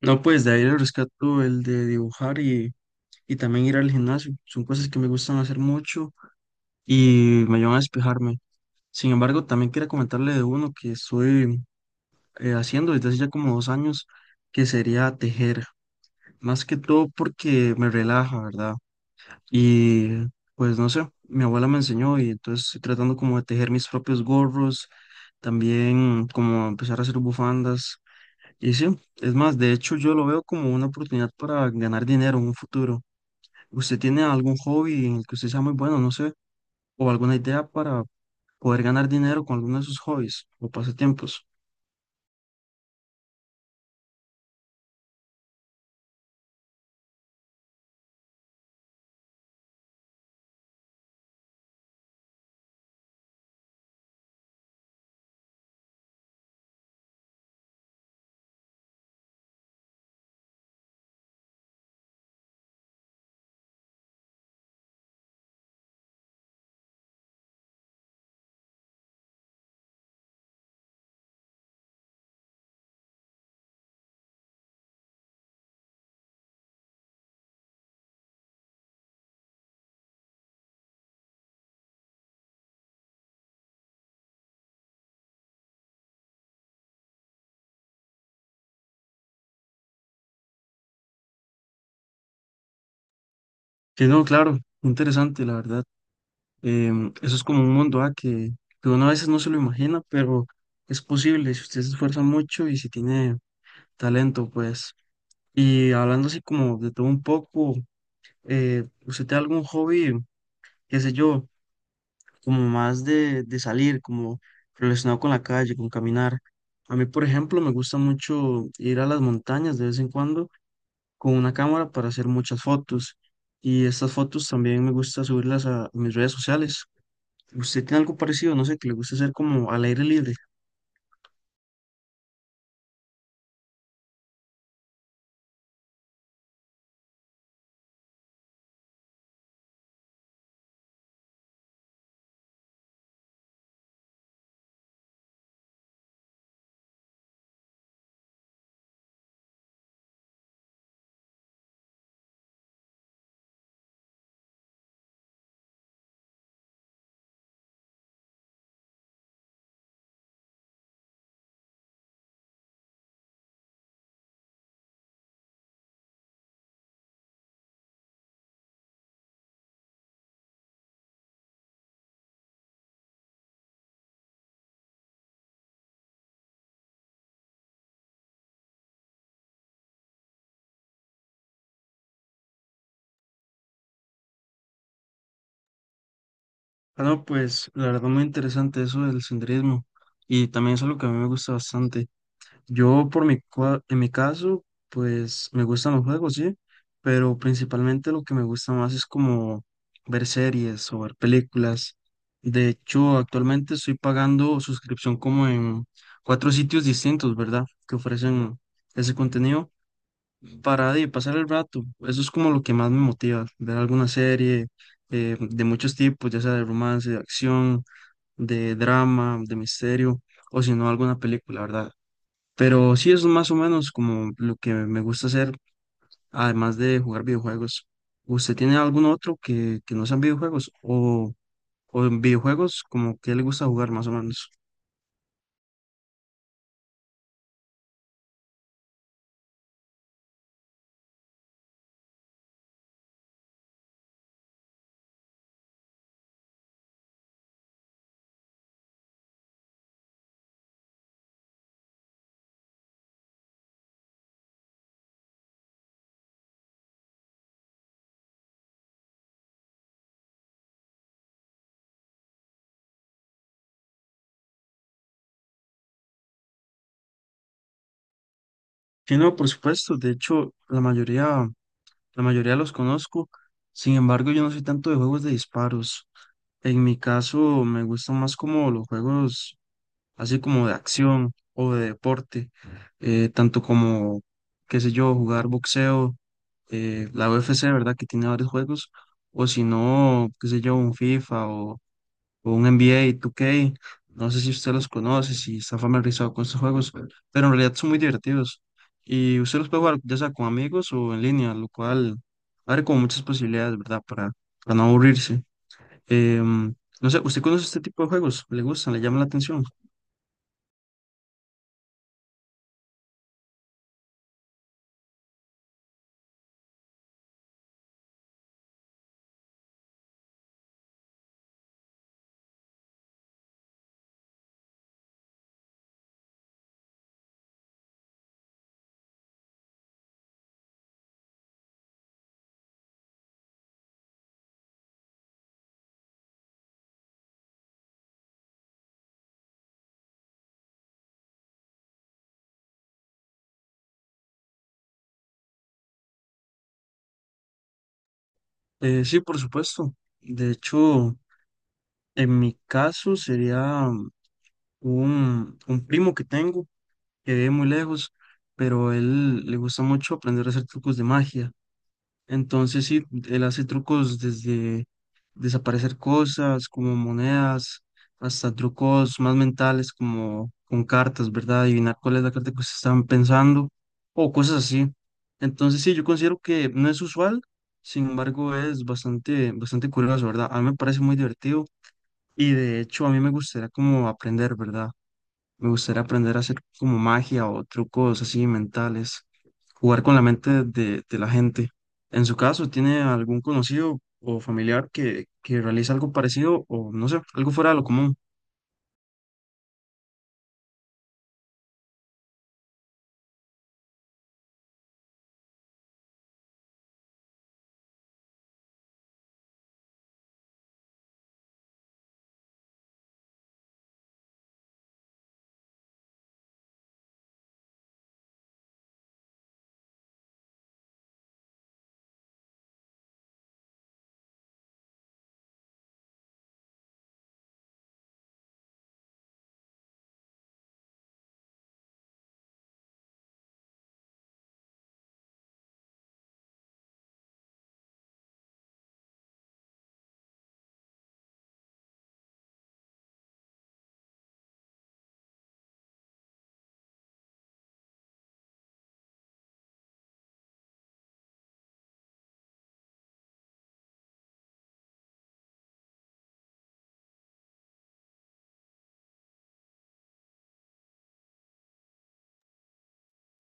No, pues de ahí le rescato el de dibujar y también ir al gimnasio. Son cosas que me gustan hacer mucho y me ayudan a despejarme. Sin embargo, también quería comentarle de uno que estoy haciendo desde hace ya como 2 años, que sería tejer. Más que todo porque me relaja, ¿verdad? Y pues no sé, mi abuela me enseñó y entonces estoy tratando como de tejer mis propios gorros, también como empezar a hacer bufandas. Y sí, es más, de hecho yo lo veo como una oportunidad para ganar dinero en un futuro. ¿Usted tiene algún hobby en el que usted sea muy bueno, no sé, o alguna idea para poder ganar dinero con alguno de sus hobbies o pasatiempos? Sí, no, claro, interesante, la verdad. Eso es como un mundo ah, que uno a veces no se lo imagina, pero es posible si usted se esfuerza mucho y si tiene talento, pues. Y hablando así como de todo un poco, ¿usted tiene algún hobby, qué sé yo? Como más de salir, como relacionado con la calle, con caminar. A mí, por ejemplo, me gusta mucho ir a las montañas de vez en cuando con una cámara para hacer muchas fotos. Y estas fotos también me gusta subirlas a mis redes sociales. ¿Usted tiene algo parecido? No sé, que le gusta hacer como al aire libre. Ah, no, pues la verdad muy interesante eso del senderismo. Y también es algo que a mí me gusta bastante. Yo por mi, en mi caso, pues me gustan los juegos, sí, pero principalmente lo que me gusta más es como ver series o ver películas. De hecho, actualmente estoy pagando suscripción como en cuatro sitios distintos, ¿verdad? Que ofrecen ese contenido para pasar el rato. Eso es como lo que más me motiva, ver alguna serie de muchos tipos, ya sea de romance, de acción, de drama, de misterio, o si no, alguna película, ¿verdad? Pero sí es más o menos como lo que me gusta hacer, además de jugar videojuegos. ¿Usted tiene algún otro que no sean videojuegos? O en videojuegos como que le gusta jugar más o menos? Sí, no, por supuesto. De hecho, la mayoría los conozco. Sin embargo, yo no soy tanto de juegos de disparos. En mi caso, me gustan más como los juegos así como de acción o de deporte, tanto como, qué sé yo, jugar boxeo, la UFC, ¿verdad? Que tiene varios juegos, o si no, qué sé yo, un FIFA o un NBA 2K, no sé si usted los conoce, si está familiarizado con estos juegos, pero en realidad son muy divertidos y usted los puede jugar ya sea con amigos o en línea, lo cual abre como muchas posibilidades, ¿verdad? Para no aburrirse. Em, no sé, ¿usted conoce este tipo de juegos? ¿Le gustan? ¿Le llama la atención? Sí, por supuesto. De hecho, en mi caso sería un primo que tengo que vive muy lejos, pero él le gusta mucho aprender a hacer trucos de magia. Entonces sí, él hace trucos desde desaparecer cosas como monedas, hasta trucos más mentales como con cartas, ¿verdad? Adivinar cuál es la carta que se están pensando o cosas así. Entonces sí, yo considero que no es usual, sin embargo es bastante curioso, ¿verdad? A mí me parece muy divertido y de hecho a mí me gustaría como aprender, ¿verdad? Me gustaría aprender a hacer como magia o trucos así mentales, jugar con la mente de la gente. En su caso, ¿tiene algún conocido o familiar que realice algo parecido o no sé, algo fuera de lo común?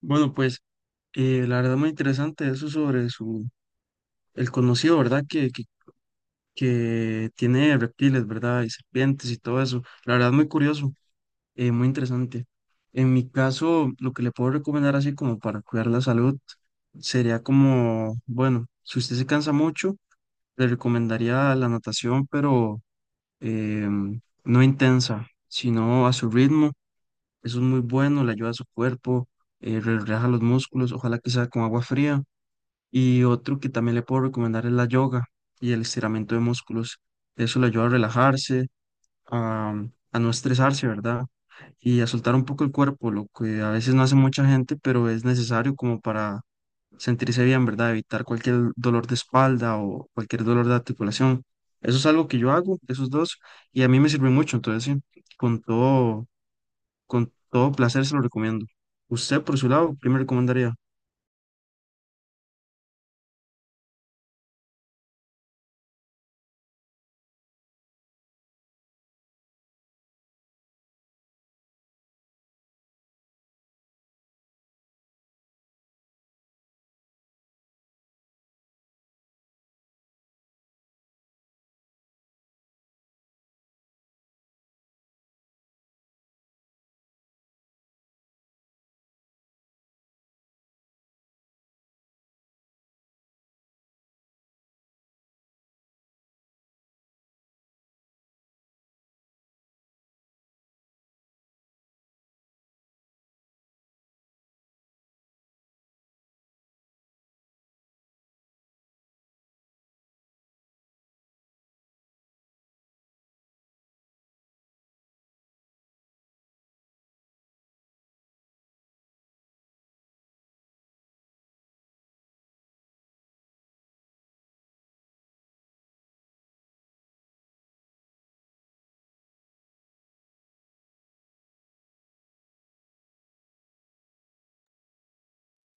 Bueno, pues la verdad muy interesante eso sobre su, el conocido, ¿verdad? Que tiene reptiles, ¿verdad? Y serpientes y todo eso. La verdad muy curioso. Muy interesante. En mi caso, lo que le puedo recomendar así como para cuidar la salud sería como, bueno, si usted se cansa mucho, le recomendaría la natación, pero no intensa, sino a su ritmo. Eso es muy bueno, le ayuda a su cuerpo, relaja los músculos, ojalá que sea con agua fría. Y otro que también le puedo recomendar es la yoga y el estiramiento de músculos. Eso le ayuda a relajarse a, a no estresarse, ¿verdad? Y a soltar un poco el cuerpo, lo que a veces no hace mucha gente, pero es necesario como para sentirse bien, ¿verdad? Evitar cualquier dolor de espalda o cualquier dolor de articulación. Eso es algo que yo hago, esos dos, y a mí me sirve mucho, entonces sí, con todo placer se lo recomiendo. Usted, por su lado, ¿qué me recomendaría?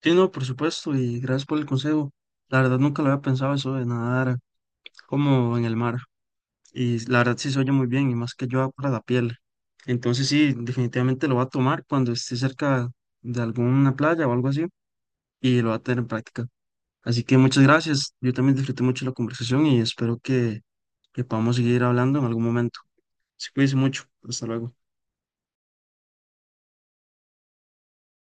Sí, no, por supuesto, y gracias por el consejo. La verdad nunca lo había pensado eso de nadar como en el mar. Y la verdad sí se oye muy bien, y más que ayuda para la piel. Entonces sí, definitivamente lo va a tomar cuando esté cerca de alguna playa o algo así y lo va a tener en práctica. Así que muchas gracias. Yo también disfruté mucho la conversación y espero que podamos seguir hablando en algún momento. Se cuídense mucho. Hasta luego.